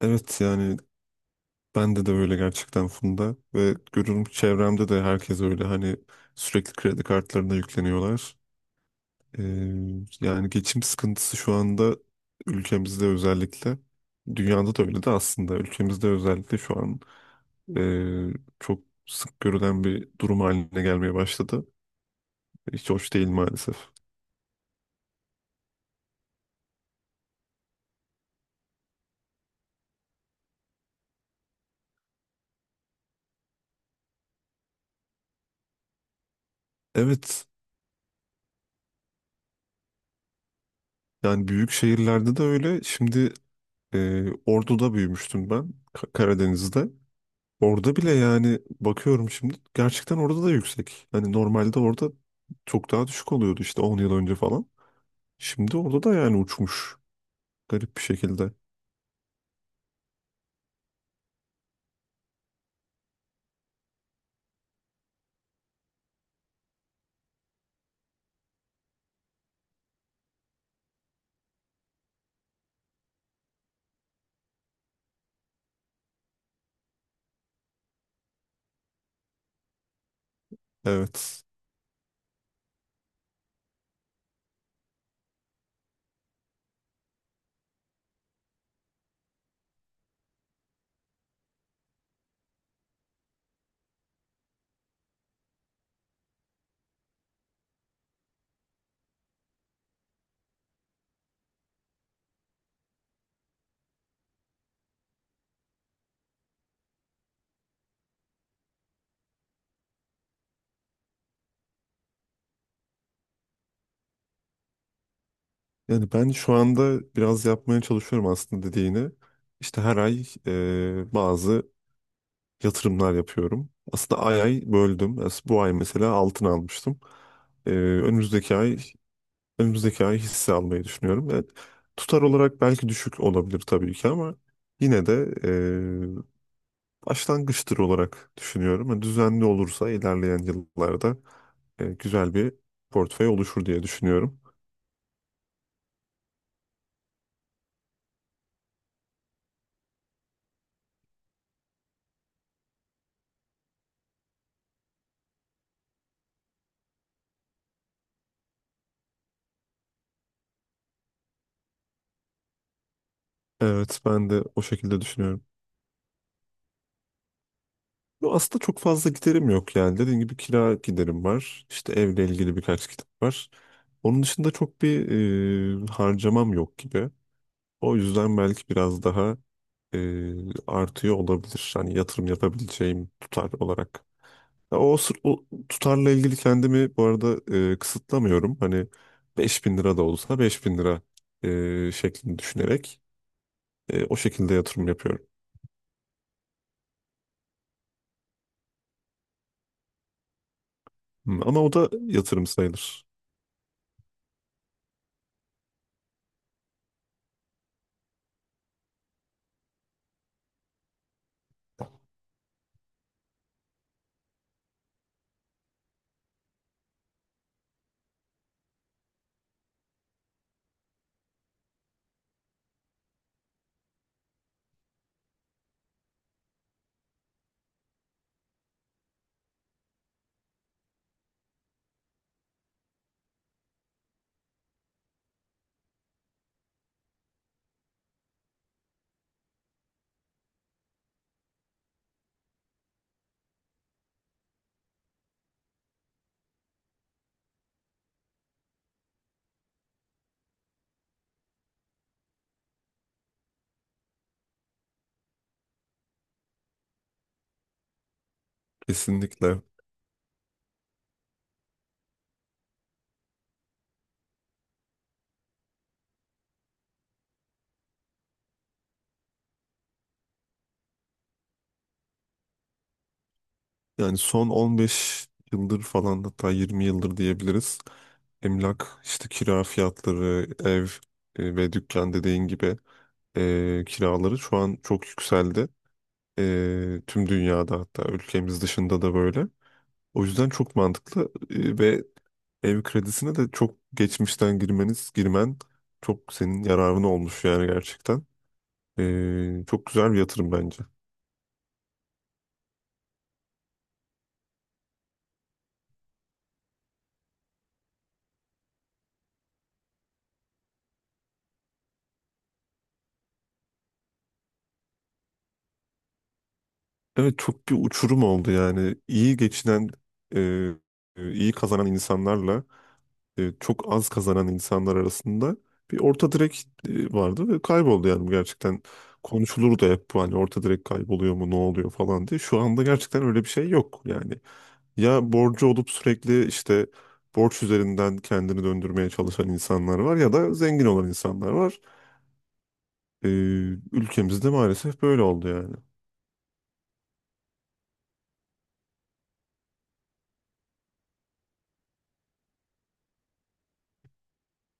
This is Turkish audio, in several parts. Evet yani bende de öyle gerçekten Funda ve görüyorum ki çevremde de herkes öyle hani sürekli kredi kartlarına yükleniyorlar. Ee, yani geçim sıkıntısı şu anda ülkemizde özellikle dünyada da öyle de aslında ülkemizde özellikle şu an ee, çok sık görülen bir durum haline gelmeye başladı. Hiç hoş değil maalesef. Evet yani büyük şehirlerde de öyle şimdi Ordu'da büyümüştüm ben Karadeniz'de. Orada bile yani bakıyorum şimdi gerçekten orada da yüksek. Hani normalde orada çok daha düşük oluyordu işte 10 yıl önce falan. Şimdi orada da yani uçmuş garip bir şekilde. Evet. Yani ben şu anda biraz yapmaya çalışıyorum aslında dediğini. İşte her ay bazı yatırımlar yapıyorum. Aslında ay ay böldüm. Bu ay mesela altın almıştım. E, önümüzdeki ay Önümüzdeki ay hisse almayı düşünüyorum. Evet, tutar olarak belki düşük olabilir tabii ki ama yine de başlangıçtır olarak düşünüyorum. Yani düzenli olursa ilerleyen yıllarda güzel bir portföy oluşur diye düşünüyorum. Evet ben de o şekilde düşünüyorum. Yo, aslında çok fazla giderim yok yani. Dediğim gibi kira giderim var. İşte evle ilgili birkaç kitap var. Onun dışında çok bir harcamam yok gibi. O yüzden belki biraz daha artıyor olabilir. Hani yatırım yapabileceğim tutar olarak. Ya o tutarla ilgili kendimi bu arada kısıtlamıyorum. Hani 5.000 lira da olsa 5.000 lira şeklinde düşünerek o şekilde yatırım yapıyorum. Hı, ama o da yatırım sayılır. Kesinlikle. Yani son 15 yıldır falan hatta 20 yıldır diyebiliriz. Emlak, işte kira fiyatları, ev ve dükkan dediğin gibi kiraları şu an çok yükseldi. Tüm dünyada hatta ülkemiz dışında da böyle. O yüzden çok mantıklı ve ev kredisine de çok geçmişten girmen çok senin yararına olmuş yani gerçekten. Çok güzel bir yatırım bence. Evet çok bir uçurum oldu yani. İyi geçinen, e, iyi kazanan insanlarla çok az kazanan insanlar arasında bir orta direk vardı ve kayboldu yani bu gerçekten. Konuşulur da hep bu hani orta direk kayboluyor mu ne oluyor falan diye. Şu anda gerçekten öyle bir şey yok yani. Ya borcu olup sürekli işte borç üzerinden kendini döndürmeye çalışan insanlar var ya da zengin olan insanlar var. E, Ülkemizde maalesef böyle oldu yani.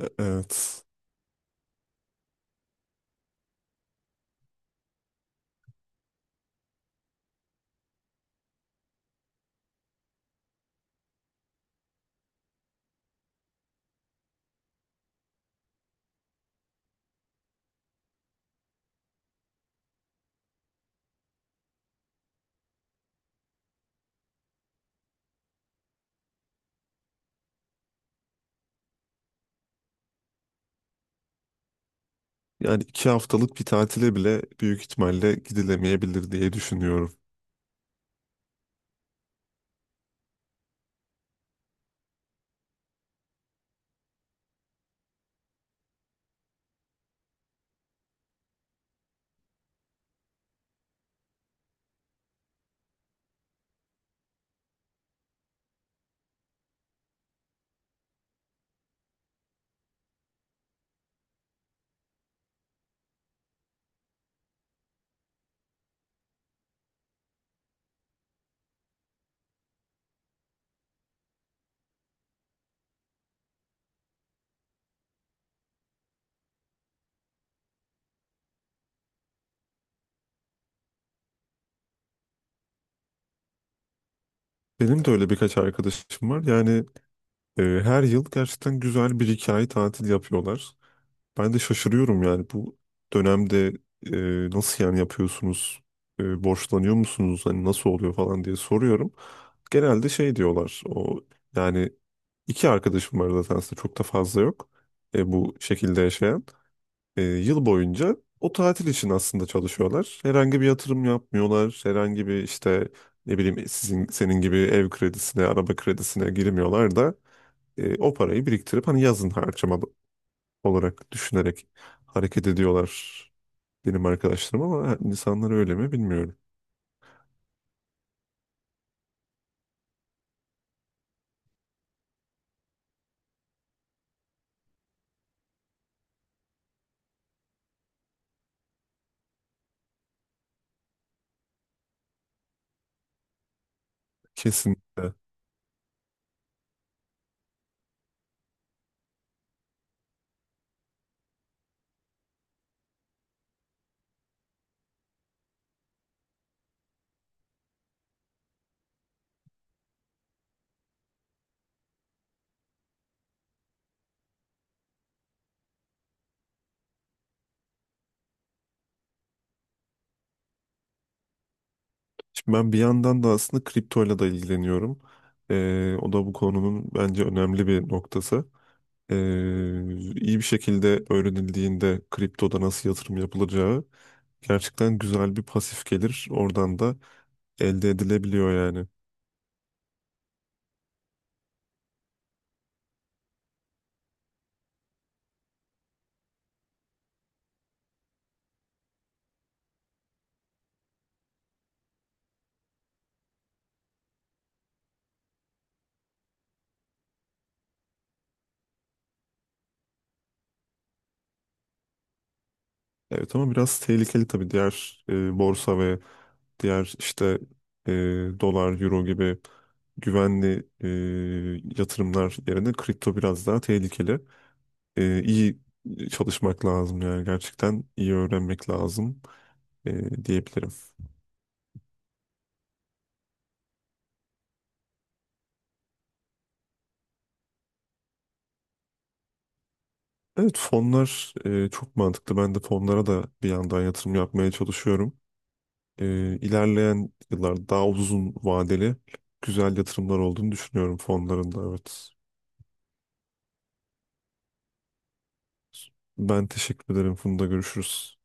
Evet. Yani 2 haftalık bir tatile bile büyük ihtimalle gidilemeyebilir diye düşünüyorum. Benim de öyle birkaç arkadaşım var. Yani her yıl gerçekten güzel bir iki ay tatil yapıyorlar. Ben de şaşırıyorum yani bu dönemde nasıl yani yapıyorsunuz? Borçlanıyor musunuz? Hani nasıl oluyor falan diye soruyorum. Genelde şey diyorlar. O yani iki arkadaşım var zaten aslında çok da fazla yok. Bu şekilde yaşayan. Yıl boyunca o tatil için aslında çalışıyorlar. Herhangi bir yatırım yapmıyorlar. Herhangi bir işte ne bileyim senin gibi ev kredisine, araba kredisine girmiyorlar da o parayı biriktirip hani yazın harcama olarak düşünerek hareket ediyorlar benim arkadaşlarım ama insanlar öyle mi bilmiyorum. Kesin. Şimdi ben bir yandan da aslında kriptoyla da ilgileniyorum. O da bu konunun bence önemli bir noktası. Ee, iyi bir şekilde öğrenildiğinde kriptoda nasıl yatırım yapılacağı gerçekten güzel bir pasif gelir. Oradan da elde edilebiliyor yani. Evet ama biraz tehlikeli tabii diğer borsa ve diğer işte e, dolar, euro gibi güvenli yatırımlar yerine kripto biraz daha tehlikeli. İyi çalışmak lazım yani gerçekten iyi öğrenmek lazım diyebilirim. Evet fonlar çok mantıklı. Ben de fonlara da bir yandan yatırım yapmaya çalışıyorum. İlerleyen yıllarda daha uzun vadeli güzel yatırımlar olduğunu düşünüyorum fonların da evet. Ben teşekkür ederim. Funda görüşürüz.